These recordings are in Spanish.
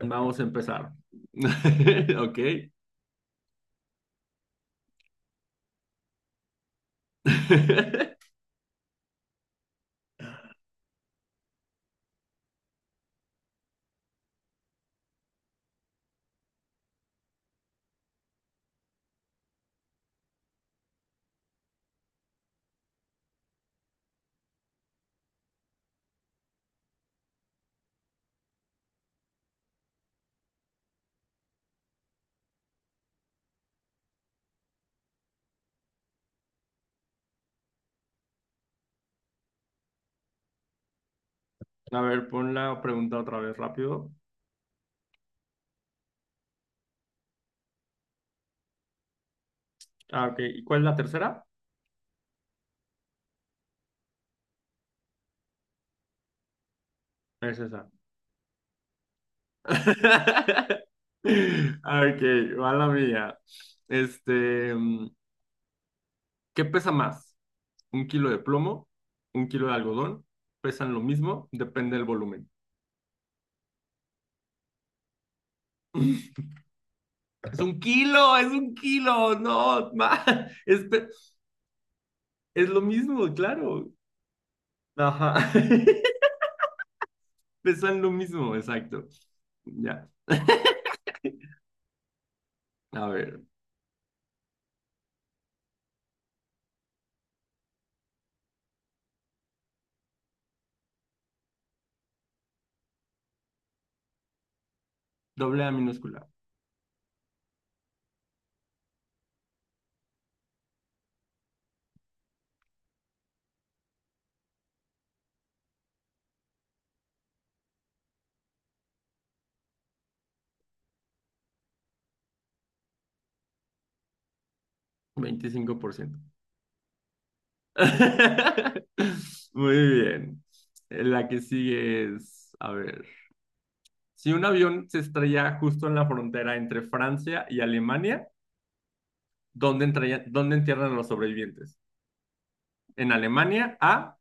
Vamos a empezar. Ok. A ver, pon la pregunta otra vez rápido. Ah, ok. ¿Y cuál es la tercera? Es esa. Ok, va la mía. Este, mm, ¿Qué pesa más? ¿Un kilo de plomo? ¿Un kilo de algodón? ¿Pesan lo mismo? Depende del volumen. Es un kilo, no, es, pe- es lo mismo, claro. Ajá. Pesan lo mismo, exacto. Ya. A ver, doble A minúscula, 25%. Muy bien. La que sigue es, a ver, si un avión se estrella justo en la frontera entre Francia y Alemania, ¿dónde entierran a los sobrevivientes? En Alemania, A,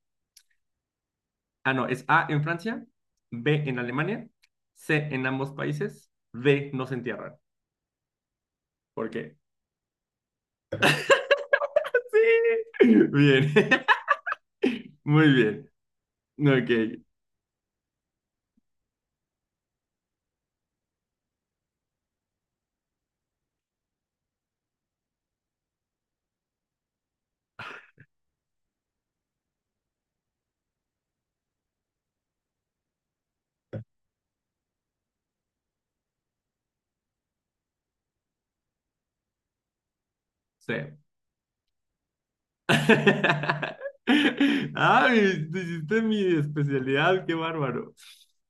ah, no, es A en Francia, B en Alemania, C en ambos países, D no se entierran. ¿Por qué? Sí. Bien. Muy bien. Ok. Sí. Ay, hiciste mi especialidad, qué bárbaro.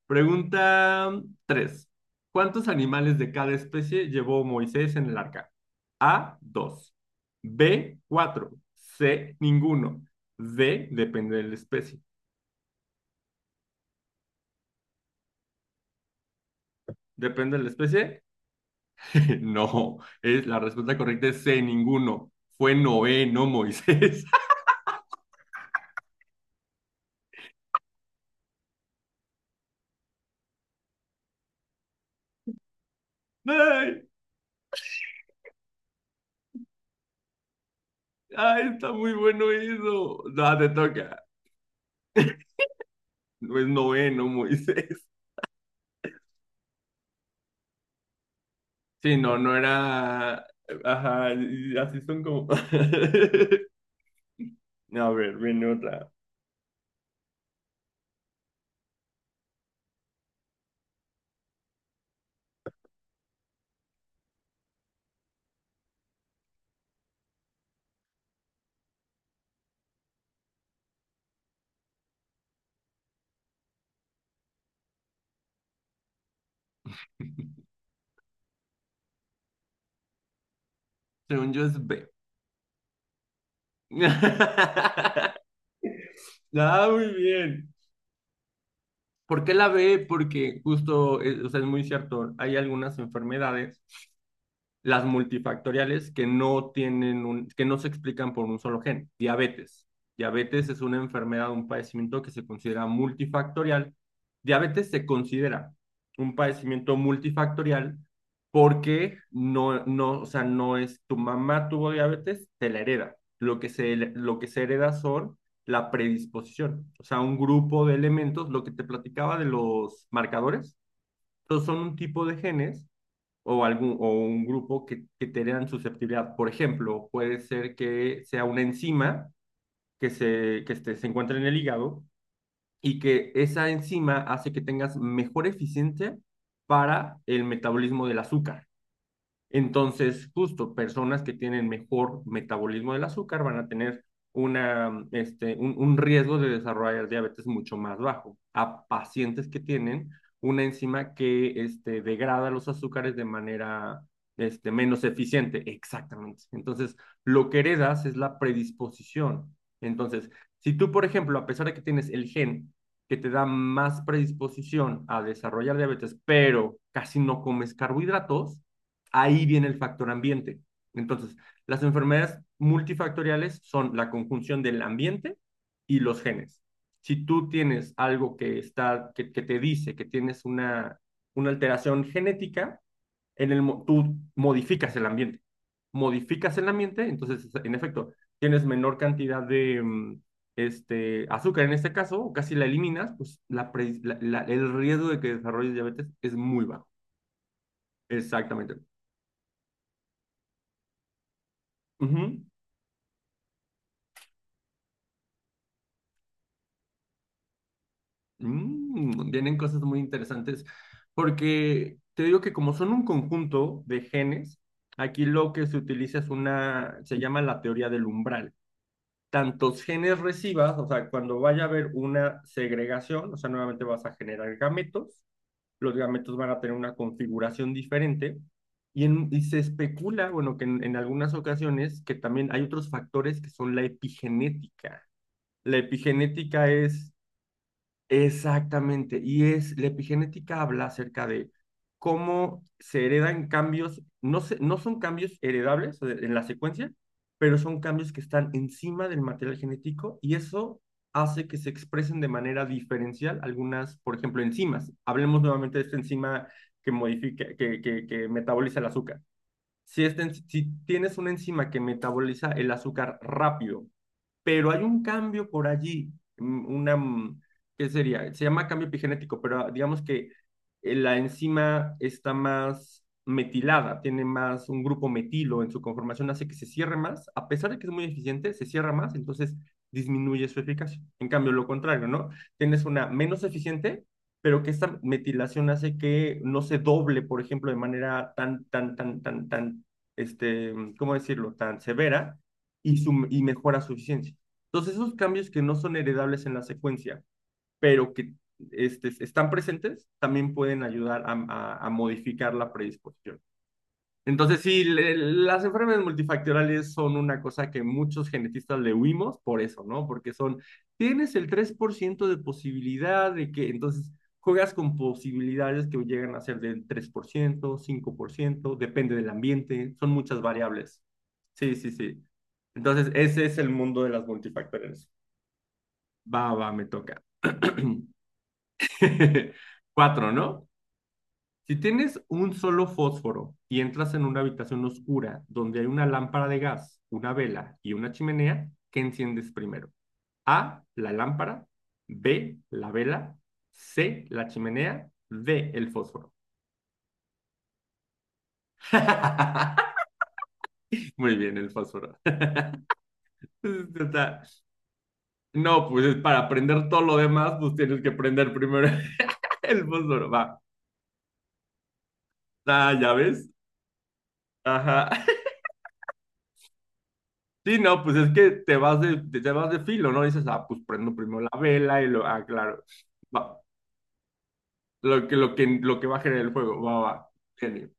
Pregunta tres. ¿Cuántos animales de cada especie llevó Moisés en el arca? A, dos; B, cuatro; C, ninguno. D, depende de la especie. ¿Depende de la especie? No, es, la respuesta correcta es C, ninguno. Fue Noé, no Moisés. Ay, ay, está muy bueno eso. No, te toca. Pues noveno Moisés. Sí, no, no era. Ajá, y así son como. A ver, viene otra. Según yo es B. Ah, muy bien. ¿Por qué la B? Porque justo, o sea, es muy cierto, hay algunas enfermedades, las multifactoriales, que no se explican por un solo gen. Diabetes. Diabetes es una enfermedad, un padecimiento que se considera multifactorial. Diabetes se considera un padecimiento multifactorial porque o sea, no es tu mamá tuvo diabetes, te la hereda. Lo que se hereda son la predisposición, o sea, un grupo de elementos, lo que te platicaba de los marcadores, entonces son un tipo de genes o un grupo que tengan susceptibilidad. Por ejemplo, puede ser que sea una enzima que se encuentra en el hígado y que esa enzima hace que tengas mejor eficiencia para el metabolismo del azúcar. Entonces, justo personas que tienen mejor metabolismo del azúcar van a tener un riesgo de desarrollar diabetes mucho más bajo a pacientes que tienen una enzima que degrada los azúcares de manera menos eficiente. Exactamente. Entonces, lo que heredas es la predisposición. Entonces, si tú, por ejemplo, a pesar de que tienes el gen que te da más predisposición a desarrollar diabetes, pero casi no comes carbohidratos, ahí viene el factor ambiente. Entonces, las enfermedades multifactoriales son la conjunción del ambiente y los genes. Si tú tienes algo que te dice que tienes una alteración genética, en el, tú modificas el ambiente. Modificas el ambiente, entonces, en efecto, tienes menor cantidad de azúcar en este caso, o casi la eliminas, pues la, pre, la, el riesgo de que desarrolles diabetes es muy bajo. Exactamente. Uh -huh. Vienen cosas muy interesantes porque te digo que como son un conjunto de genes, aquí lo que se utiliza es se llama la teoría del umbral. Tantos genes recibas, o sea, cuando vaya a haber una segregación, o sea, nuevamente vas a generar gametos, los gametos van a tener una configuración diferente y se especula, bueno, que en algunas ocasiones que también hay otros factores que son la epigenética. La epigenética es... Exactamente, y es la epigenética habla acerca de cómo se heredan cambios, no son cambios heredables en la secuencia, pero son cambios que están encima del material genético y eso hace que se expresen de manera diferencial algunas, por ejemplo, enzimas. Hablemos nuevamente de esta enzima que modifica, que metaboliza el azúcar. Si tienes una enzima que metaboliza el azúcar rápido pero hay un cambio por allí, mm, una, mm, ¿qué sería? Se llama cambio epigenético, pero digamos que la enzima está más metilada, tiene más un grupo metilo en su conformación, hace que se cierre más, a pesar de que es muy eficiente, se cierra más, entonces disminuye su eficacia. En cambio, lo contrario, ¿no? Tienes una menos eficiente, pero que esta metilación hace que no se doble, por ejemplo, de manera tan, ¿cómo decirlo?, tan severa y mejora su eficiencia. Entonces, esos cambios que no son heredables en la secuencia, pero que están presentes, también pueden ayudar a modificar la predisposición. Entonces, sí, las enfermedades multifactoriales son una cosa que muchos genetistas le huimos por eso, ¿no? Porque son, tienes el 3% de posibilidad de que, entonces, juegas con posibilidades que llegan a ser del 3%, 5%, depende del ambiente, son muchas variables. Sí, sí, sí. Entonces, ese es el mundo de las multifactoriales. Va, va, me toca. Cuatro, ¿no? Si tienes un solo fósforo y entras en una habitación oscura donde hay una lámpara de gas, una vela y una chimenea, ¿qué enciendes primero? A, la lámpara; B, la vela; C, la chimenea; D, el fósforo. Muy bien, el fósforo. Está... No, pues para aprender todo lo demás, pues tienes que prender primero el fósforo. Va. Ah, ya ves. Ajá. Sí, no, pues es que te vas de filo, ¿no? Dices, ah, pues prendo primero la vela y lo, ah, claro, va, lo que va a generar el fuego, va, va, genio.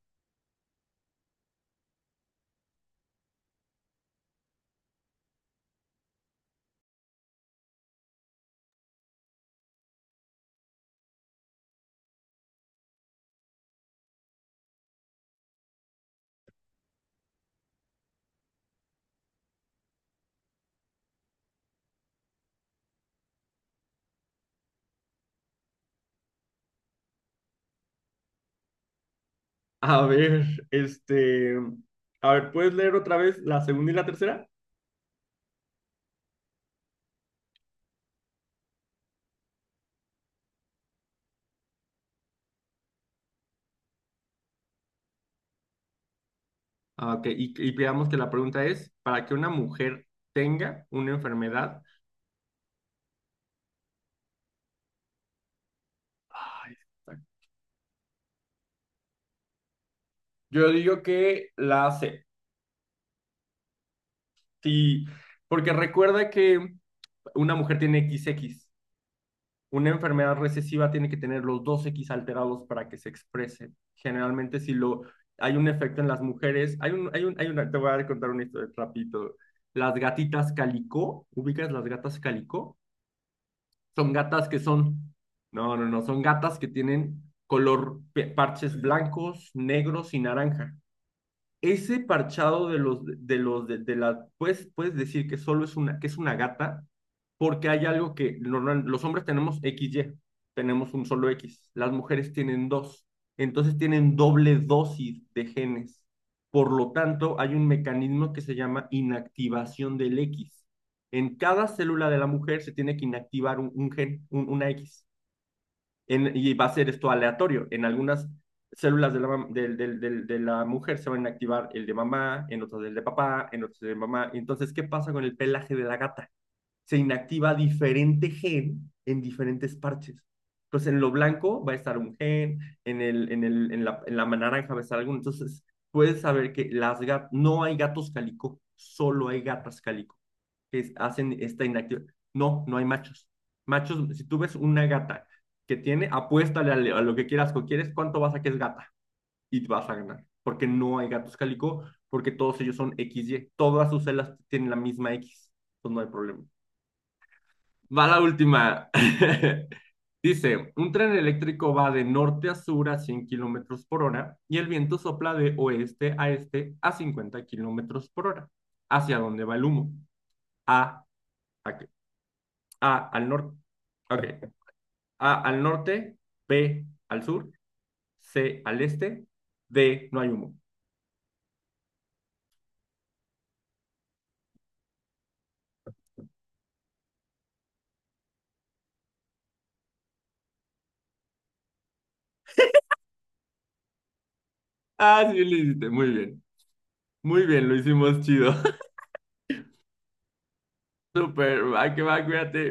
A ver, este, a ver, ¿puedes leer otra vez la segunda y la tercera? Ah, ok, y veamos que la pregunta es, ¿para que una mujer tenga una enfermedad? Ay, está... yo digo que la hace, sí, porque recuerda que una mujer tiene XX. Una enfermedad recesiva tiene que tener los dos X alterados para que se exprese. Generalmente, si lo, hay un efecto en las mujeres, hay una, te voy a contar una historia rapidito. Las gatitas calico, ¿ubicas las gatas calico? Son gatas que son, no, no, no, son gatas que tienen color, parches blancos, negros y naranja. Ese parchado de los, de los, de la, puedes, decir que solo es una, que es una gata, porque hay algo que los hombres tenemos equis Y, tenemos un solo X, las mujeres tienen dos, entonces tienen doble dosis de genes. Por lo tanto, hay un mecanismo que se llama inactivación del X. En cada célula de la mujer se tiene que inactivar un gen, una X, en, y va a ser esto aleatorio. En algunas células de la, de la mujer se van a activar el de mamá, en otras el de papá, en otras el de mamá. Entonces, ¿qué pasa con el pelaje de la gata? Se inactiva diferente gen en diferentes parches. Entonces, en lo blanco va a estar un gen, en la naranja va a estar alguno. Entonces, puedes saber que las gat no hay gatos calico, solo hay gatas calico que hacen esta inactividad. No, no hay machos. Machos, si tú ves una gata que tiene, apuéstale a lo que quieras, cuánto vas a que es gata y vas a ganar, porque no hay gatos cálico, porque todos ellos son XY, todas sus celas tienen la misma X, entonces no hay problema. Va la última. Dice, un tren eléctrico va de norte a sur a 100 kilómetros por hora y el viento sopla de oeste a este a 50 kilómetros por hora. ¿Hacia dónde va el humo? A, a, A al norte. Okay. A al norte, B al sur, C al este, D no hay humo. Ah, sí, lo hiciste. Muy bien. Muy bien, lo hicimos chido. Súper. Va que va, cuídate.